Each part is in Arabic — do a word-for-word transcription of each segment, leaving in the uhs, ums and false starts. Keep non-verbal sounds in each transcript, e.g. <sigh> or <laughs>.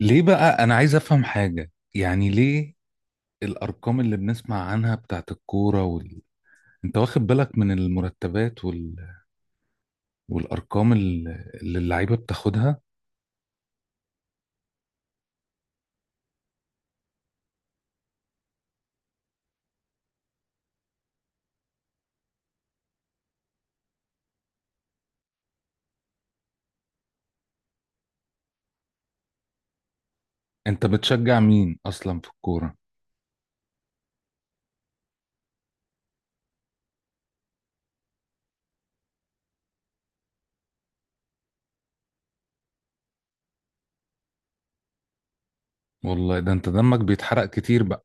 ليه بقى انا عايز افهم حاجة، يعني ليه الارقام اللي بنسمع عنها بتاعت الكورة وال... انت واخد بالك من المرتبات وال... والارقام ال- اللي اللعيبة بتاخدها؟ انت بتشجع مين اصلا في الكورة؟ والله ده انت دمك بيتحرق كتير بقى.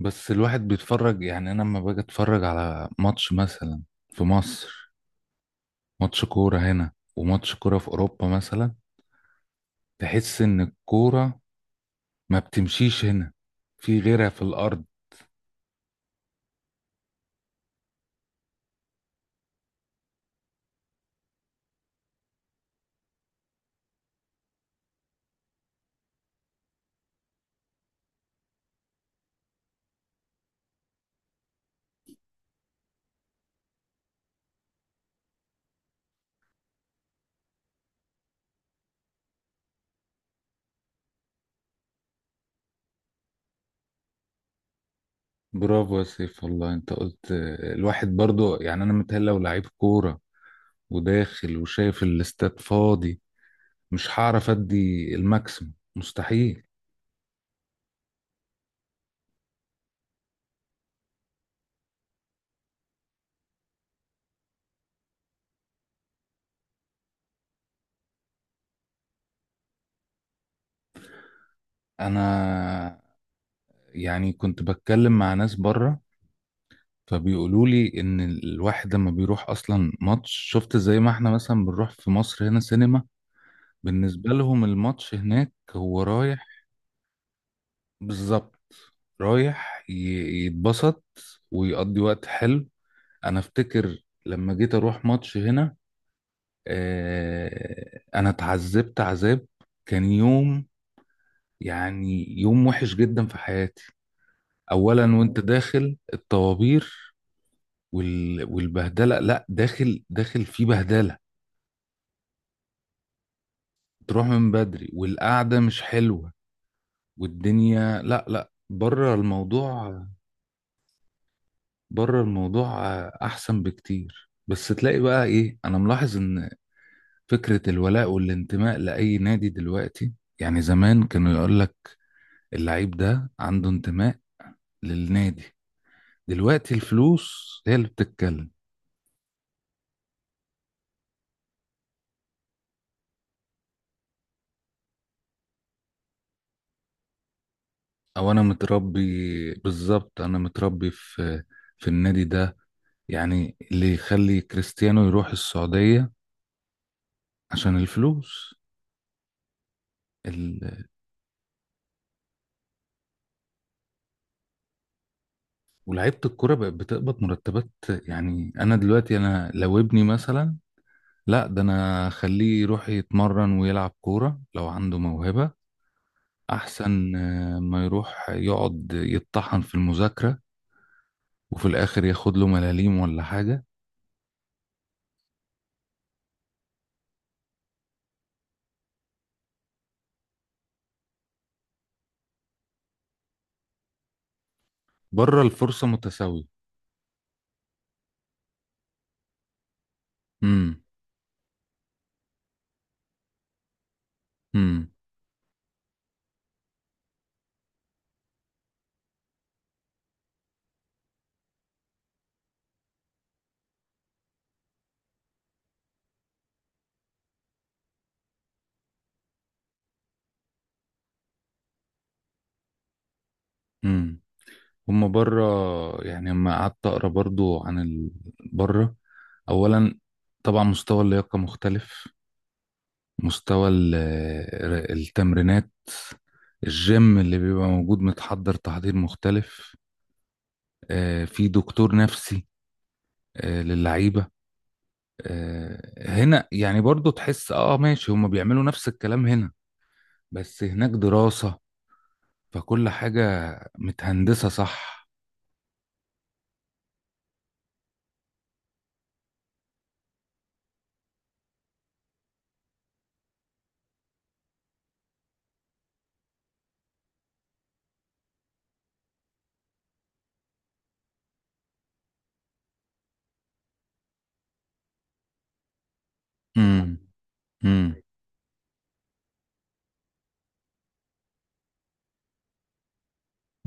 بس الواحد بيتفرج، يعني انا لما باجي اتفرج على ماتش مثلا في مصر، ماتش كورة هنا وماتش كورة في اوروبا مثلا، تحس ان الكورة ما بتمشيش هنا في غيرها في الارض. برافو يا سيف، والله انت قلت. الواحد برضو يعني انا متهيألي لو لعيب كورة وداخل وشايف الاستاد فاضي، مش هعرف ادي الماكسيموم، مستحيل. انا يعني كنت بتكلم مع ناس بره، فبيقولوا لي ان الواحد لما بيروح اصلا ماتش، شفت زي ما احنا مثلا بنروح في مصر هنا سينما، بالنسبة لهم الماتش هناك هو رايح. بالظبط، رايح ي- يتبسط ويقضي وقت حلو. انا افتكر لما جيت اروح ماتش هنا، آه، انا اتعذبت عذاب، كان يوم، يعني يوم وحش جدا في حياتي. اولا، وانت داخل الطوابير وال- والبهدله، لا داخل داخل في بهدله. تروح من بدري، والقعده مش حلوه، والدنيا لا لا بره الموضوع، بره الموضوع. احسن بكتير. بس تلاقي بقى ايه، انا ملاحظ ان فكرة الولاء والانتماء لأي نادي دلوقتي، يعني زمان كانوا يقول لك اللعيب ده عنده انتماء للنادي، دلوقتي الفلوس هي اللي بتتكلم. أو أنا متربي، بالظبط أنا متربي في في النادي ده. يعني اللي يخلي كريستيانو يروح السعودية عشان الفلوس ال... ولاعيبة الكرة بقت بتقبض مرتبات، يعني أنا دلوقتي أنا لو ابني مثلا، لا ده أنا أخليه يروح يتمرن ويلعب كورة لو عنده موهبة، احسن آه، ما يروح يقعد يتطحن في المذاكرة وفي الاخر ياخد له ملاليم ولا حاجة. بره الفرصة متساوية. امم، امم، امم. هما بره، يعني لما قعدت اقرا برضو عن ال... بره اولا طبعا مستوى اللياقة مختلف، مستوى ال- آه، التمرينات، الجيم اللي بيبقى موجود متحضر تحضير مختلف، آه، في دكتور نفسي آه، للعيبة. آه، هنا يعني برضو تحس اه ماشي هما بيعملوا نفس الكلام هنا، بس هناك دراسة، فكل حاجة متهندسة، صح؟ امم، امم،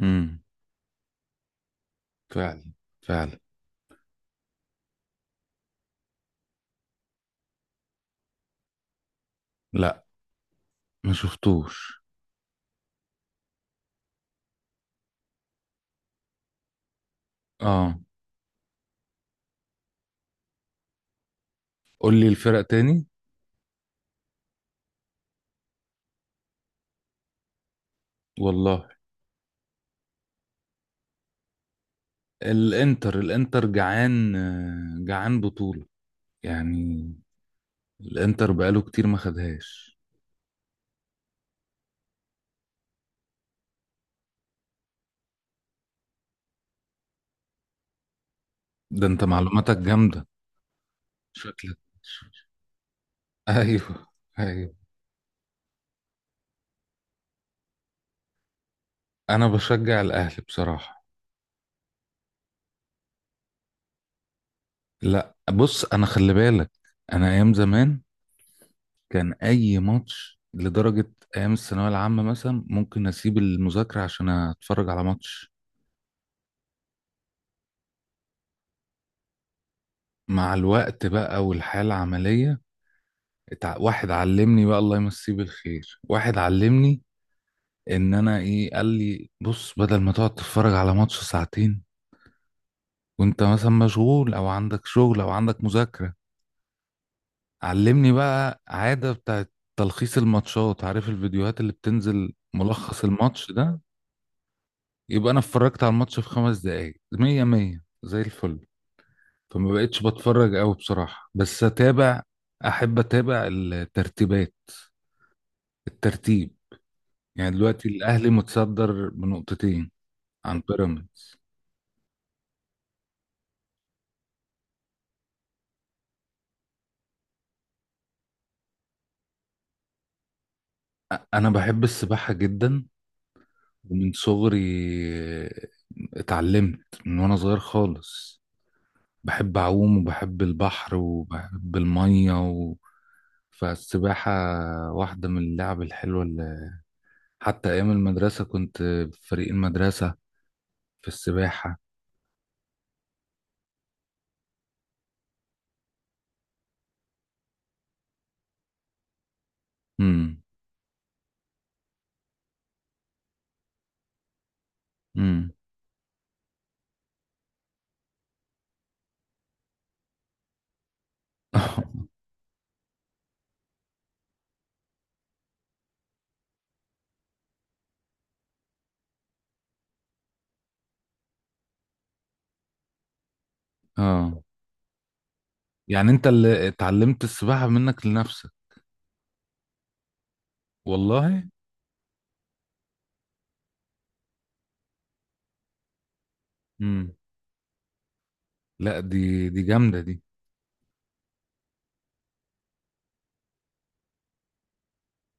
امم. فعلا، فعلا. لا، ما شفتوش. اه، قول لي الفرق تاني. والله، الانتر، الانتر جعان، آه، جعان بطولة يعني، الانتر بقاله كتير ما خدهاش. ده انت معلوماتك جامدة. شكلك <laughs> ايوه، ايوه. انا بشجع الاهلي بصراحة. لا بص، انا خلي بالك، انا ايام زمان كان اي ماتش لدرجه ايام الثانويه العامه مثلا ممكن اسيب المذاكره عشان اتفرج على ماتش. مع الوقت بقى والحياه العمليه، اتع... واحد علمني بقى الله يمسيه بالخير، واحد علمني ان انا ايه، قال لي بص، بدل ما تقعد تتفرج على ماتش ساعتين وانت مثلا مشغول او عندك شغل او عندك مذاكره، علمني بقى عاده بتاعت تلخيص الماتشات، عارف الفيديوهات اللي بتنزل ملخص الماتش ده، يبقى انا اتفرجت على الماتش في خمس دقايق مية مية زي الفل. فما بقتش بتفرج قوي بصراحة، بس اتابع، احب اتابع الترتيبات، الترتيب، يعني دلوقتي الاهلي متصدر بنقطتين عن بيراميدز. أ- انا بحب السباحة جدا، ومن صغري اتعلمت من وانا صغير خالص، بحب اعوم وبحب البحر وبحب المية و... فالسباحة واحدة من اللعب الحلوة، حتى أيام المدرسة كنت في فريق المدرسة في السباحة. امم، امم. <laughs> اه، يعني أنت اللي اتعلمت السباحة منك لنفسك. والله. امم. لا دي دي جامدة دي.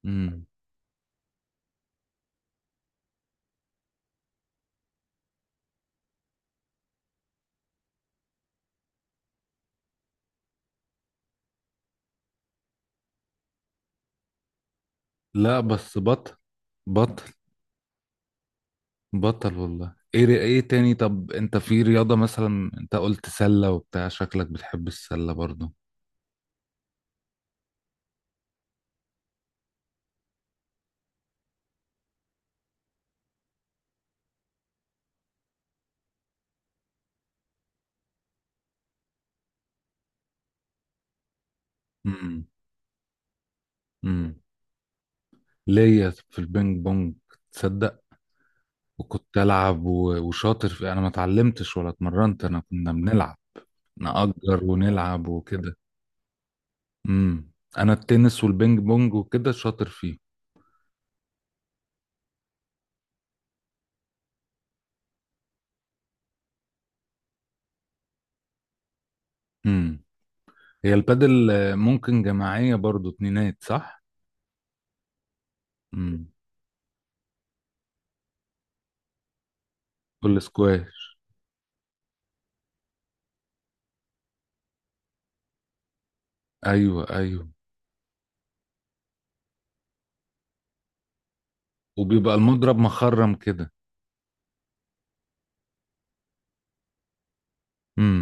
امم. لا بس بطل، بطل. بطل والله. ايه ايه تاني؟ طب انت في رياضة مثلا، انت قلت سلة وبتاع، شكلك بتحب السلة برضو. امم، امم. ليا في البينج بونج، تصدق، وكنت ألعب و- وشاطر في، أنا ما اتعلمتش ولا اتمرنت، أنا كنا بنلعب نأجر ونلعب وكده. امم. أنا التنس والبينج بونج وكده شاطر فيه. امم. هي البادل آه، ممكن جماعية برضو، اتنينات صح؟ امم. كل سكواش. أيوه أيوه. وبيبقى المضرب مخرم كده. امم.